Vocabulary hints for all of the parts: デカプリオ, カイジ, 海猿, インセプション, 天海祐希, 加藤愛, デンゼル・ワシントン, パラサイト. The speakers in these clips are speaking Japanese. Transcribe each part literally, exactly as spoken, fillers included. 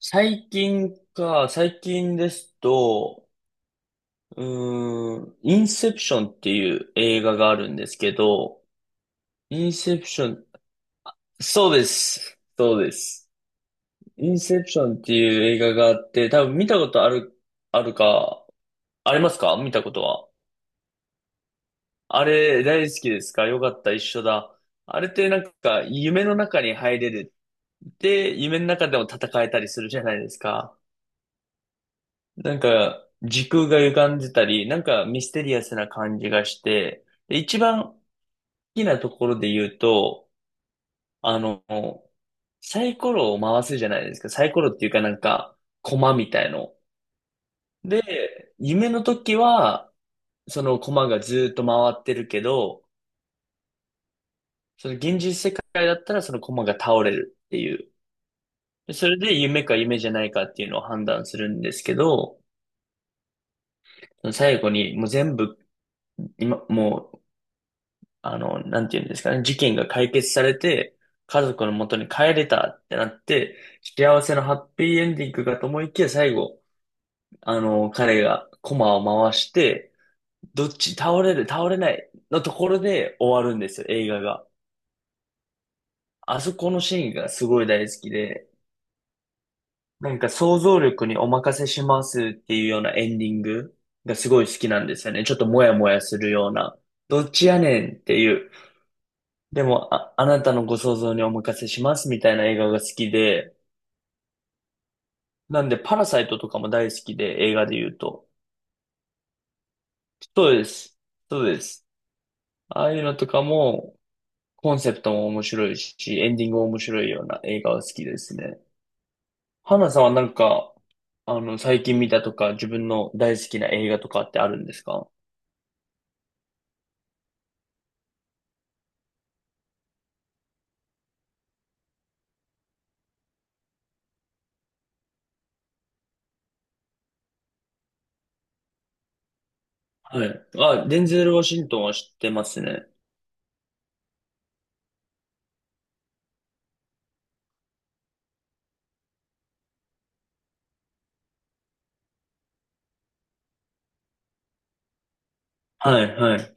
最近か、最近ですと、うーん、インセプションっていう映画があるんですけど、インセプション、そうです。そうです。インセプションっていう映画があって、多分見たことある、あるか、ありますか見たことは。あれ、大好きですか？よかった、一緒だ。あれってなんか、夢の中に入れる。で、夢の中でも戦えたりするじゃないですか。なんか、時空が歪んでたり、なんかミステリアスな感じがして、で、一番好きなところで言うと、あの、サイコロを回すじゃないですか。サイコロっていうかなんか、コマみたいの。で、夢の時は、そのコマがずっと回ってるけど、その現実世界だったらそのコマが倒れるっていう。でそれで夢か夢じゃないかっていうのを判断するんですけど、最後にもう全部、今、もうあの、なんていうんですかね、事件が解決されて、家族の元に帰れたってなって、幸せのハッピーエンディングかと思いきや、最後、あの、彼がコマを回して、どっち倒れる、倒れないのところで終わるんですよ、映画が。あそこのシーンがすごい大好きで、なんか想像力にお任せしますっていうようなエンディングがすごい好きなんですよね。ちょっともやもやするような。どっちやねんっていう。でも、あ、あなたのご想像にお任せしますみたいな映画が好きで、なんでパラサイトとかも大好きで、映画で言うと。そうです。そうです。ああいうのとかも、コンセプトも面白いし、エンディングも面白いような映画が好きですね。花さんはなんか、あの、最近見たとか、自分の大好きな映画とかってあるんですか？はい。あ、デンゼル・ワシントンは知ってますね。はい、はい。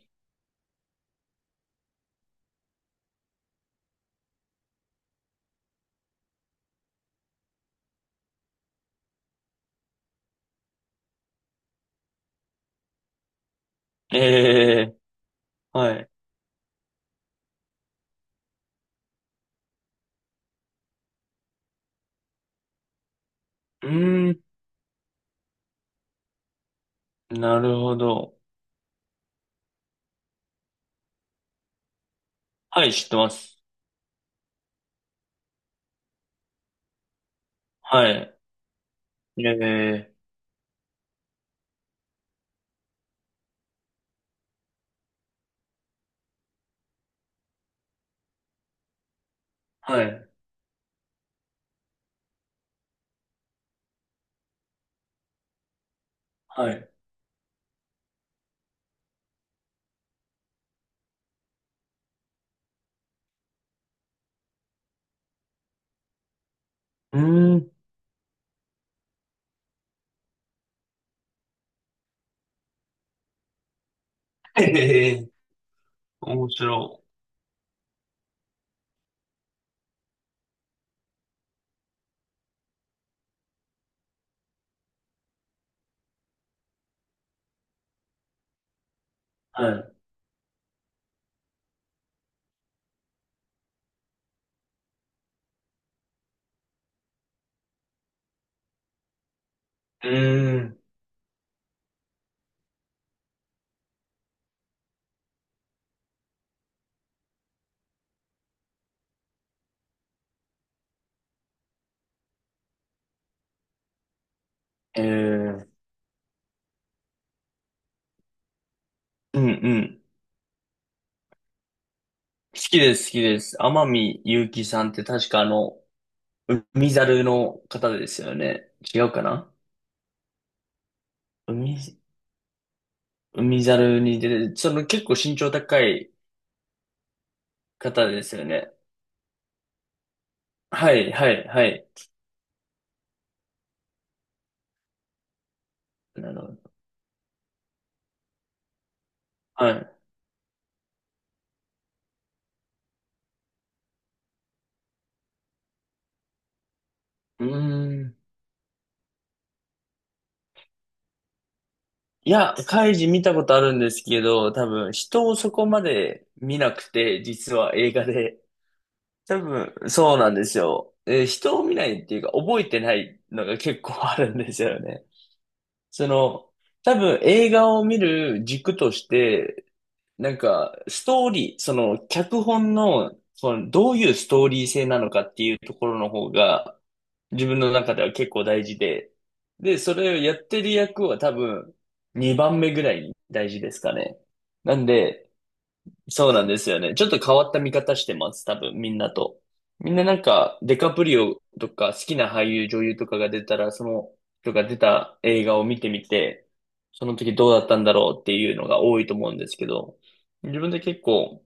ええ、はい。うーん、なるほど。はい、知ってます。はい。ええ、はい、はい、うーん、ええ、面白、はい。い。うーん、ええ、うんうん。好きです、好きです。天海祐希さんって確かあの、海猿の方ですよね。違うかな。海、海猿に出てその結構身長高い方ですよね。はい、はい、はい。なるほど。はい。うーん。いや、カイジ見たことあるんですけど、多分人をそこまで見なくて、実は映画で。多分、そうなんですよ。えー、人を見ないっていうか、覚えてないのが結構あるんですよね。その、多分映画を見る軸として、なんか、ストーリー、その、脚本の、その、どういうストーリー性なのかっていうところの方が、自分の中では結構大事で、で、それをやってる役は多分、にばんめぐらいに大事ですかね。なんで、そうなんですよね。ちょっと変わった見方してます。多分、みんなと。みんななんか、デカプリオとか、好きな俳優、女優とかが出たら、その、とか出た映画を見てみて、その時どうだったんだろうっていうのが多いと思うんですけど、自分で結構、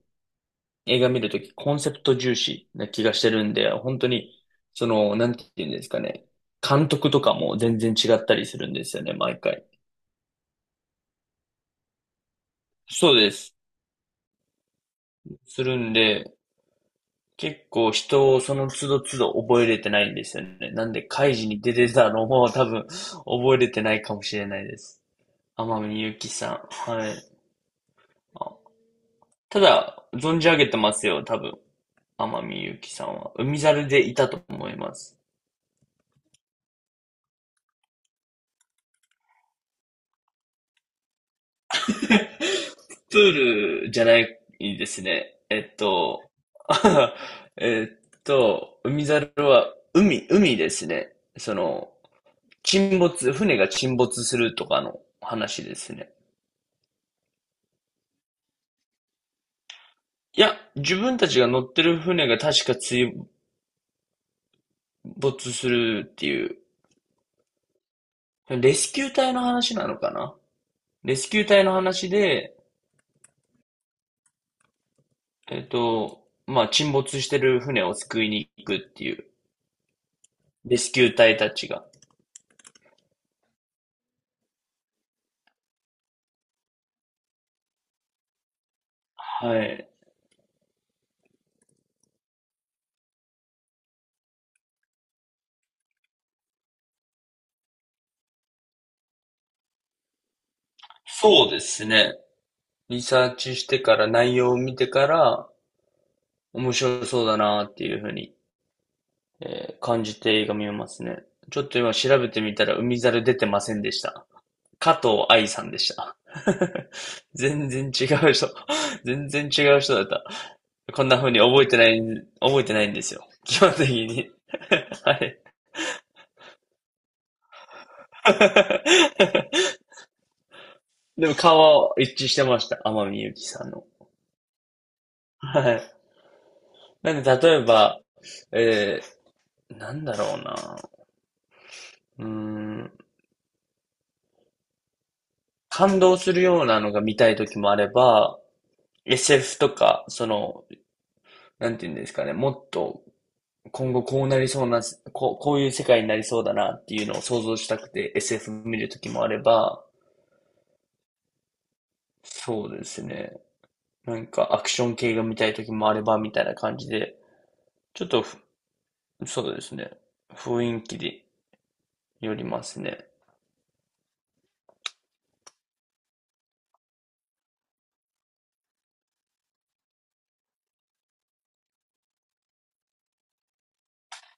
映画見るとき、コンセプト重視な気がしてるんで、本当に、その、なんて言うんですかね。監督とかも全然違ったりするんですよね、毎回。そうです。するんで、結構人をその都度都度覚えれてないんですよね。なんで、開示に出てたのも多分覚えれてないかもしれないです。天海祐希さん。はい。ただ、存じ上げてますよ、多分。天海祐希さんは。海猿でいたと思います。プールじゃないですね。えっと、えっと、海猿は海、海ですね。その、沈没、船が沈没するとかの話ですね。いや、自分たちが乗ってる船が確か追没するっていう、レスキュー隊の話なのかな。レスキュー隊の話で、えっと、まあ、沈没してる船を救いに行くっていう、レスキュー隊たちが。はい。そうですね。リサーチしてから内容を見てから、面白そうだなっていうふうに、えー、感じて映画見ますね。ちょっと今調べてみたら海猿出てませんでした。加藤愛さんでした。全然違う人。全然違う人だった。こんな風に覚えてない、覚えてないんですよ。基本的に。はい。でも顔は一致してました。天海祐希さんの。はい。なんで、例えば、えー、なんだろうな。うーん。感動するようなのが見たい時もあれば、エスエフ とか、その、なんていうんですかね、もっと今後こうなりそうな、こう、こういう世界になりそうだなっていうのを想像したくて エスエフ 見るときもあれば、そうですね。なんかアクション系が見たいときもあればみたいな感じで、ちょっとふ、そうですね。雰囲気でよりますね。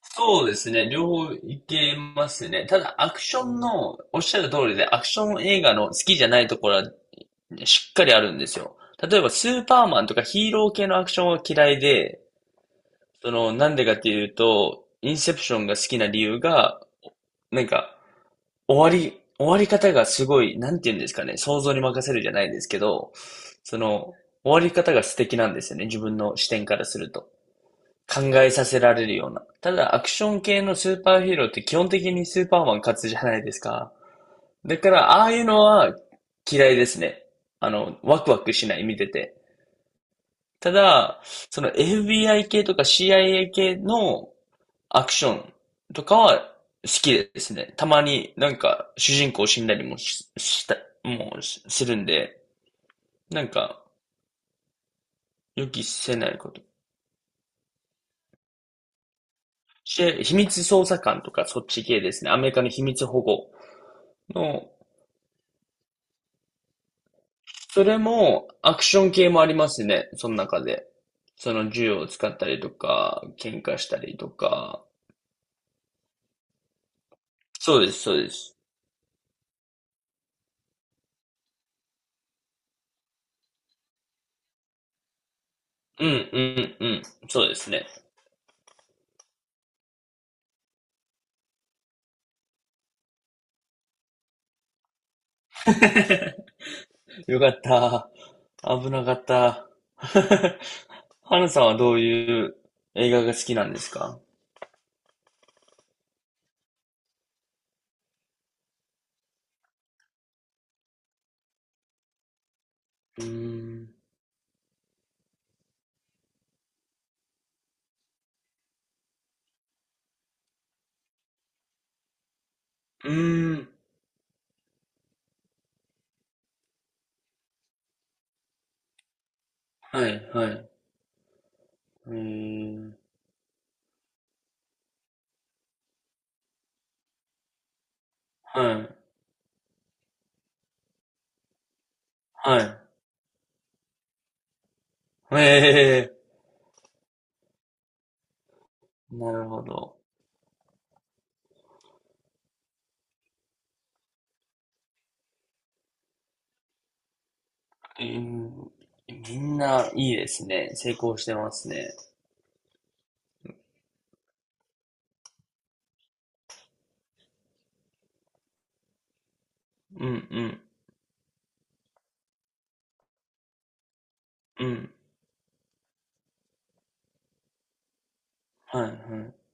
そうですね。両方いけますね。ただ、アクションの、おっしゃる通りで、アクション映画の好きじゃないところはねしっかりあるんですよ。例えば、スーパーマンとかヒーロー系のアクションは嫌いで、その、なんでかっていうと、インセプションが好きな理由が、なんか、終わり、終わり方がすごい、なんて言うんですかね、想像に任せるじゃないですけど、その、終わり方が素敵なんですよね、自分の視点からすると。考えさせられるような。ただ、アクション系のスーパーヒーローって基本的にスーパーマン勝つじゃないですか。だから、ああいうのは嫌いですね。あの、ワクワクしない、見てて。ただ、その エフビーアイ 系とか シーアイエー 系のアクションとかは好きですね。たまになんか主人公死んだりもし、した、もうしするんで、なんか予期せないこと。し、秘密捜査官とかそっち系ですね。アメリカの秘密保護の、それもアクション系もありますね。その中で。その銃を使ったりとか、喧嘩したりとか。そうです、そうです。うん、うん、うん。そうですね。よかった。危なかった。ハルさんはどういう映画が好きなんですか？うーん。うーん。はい、はい。えー、はい、はい。えー、なるほど。えー、みんないいですね。成功してますね。うん、うん、うん。はい、はい。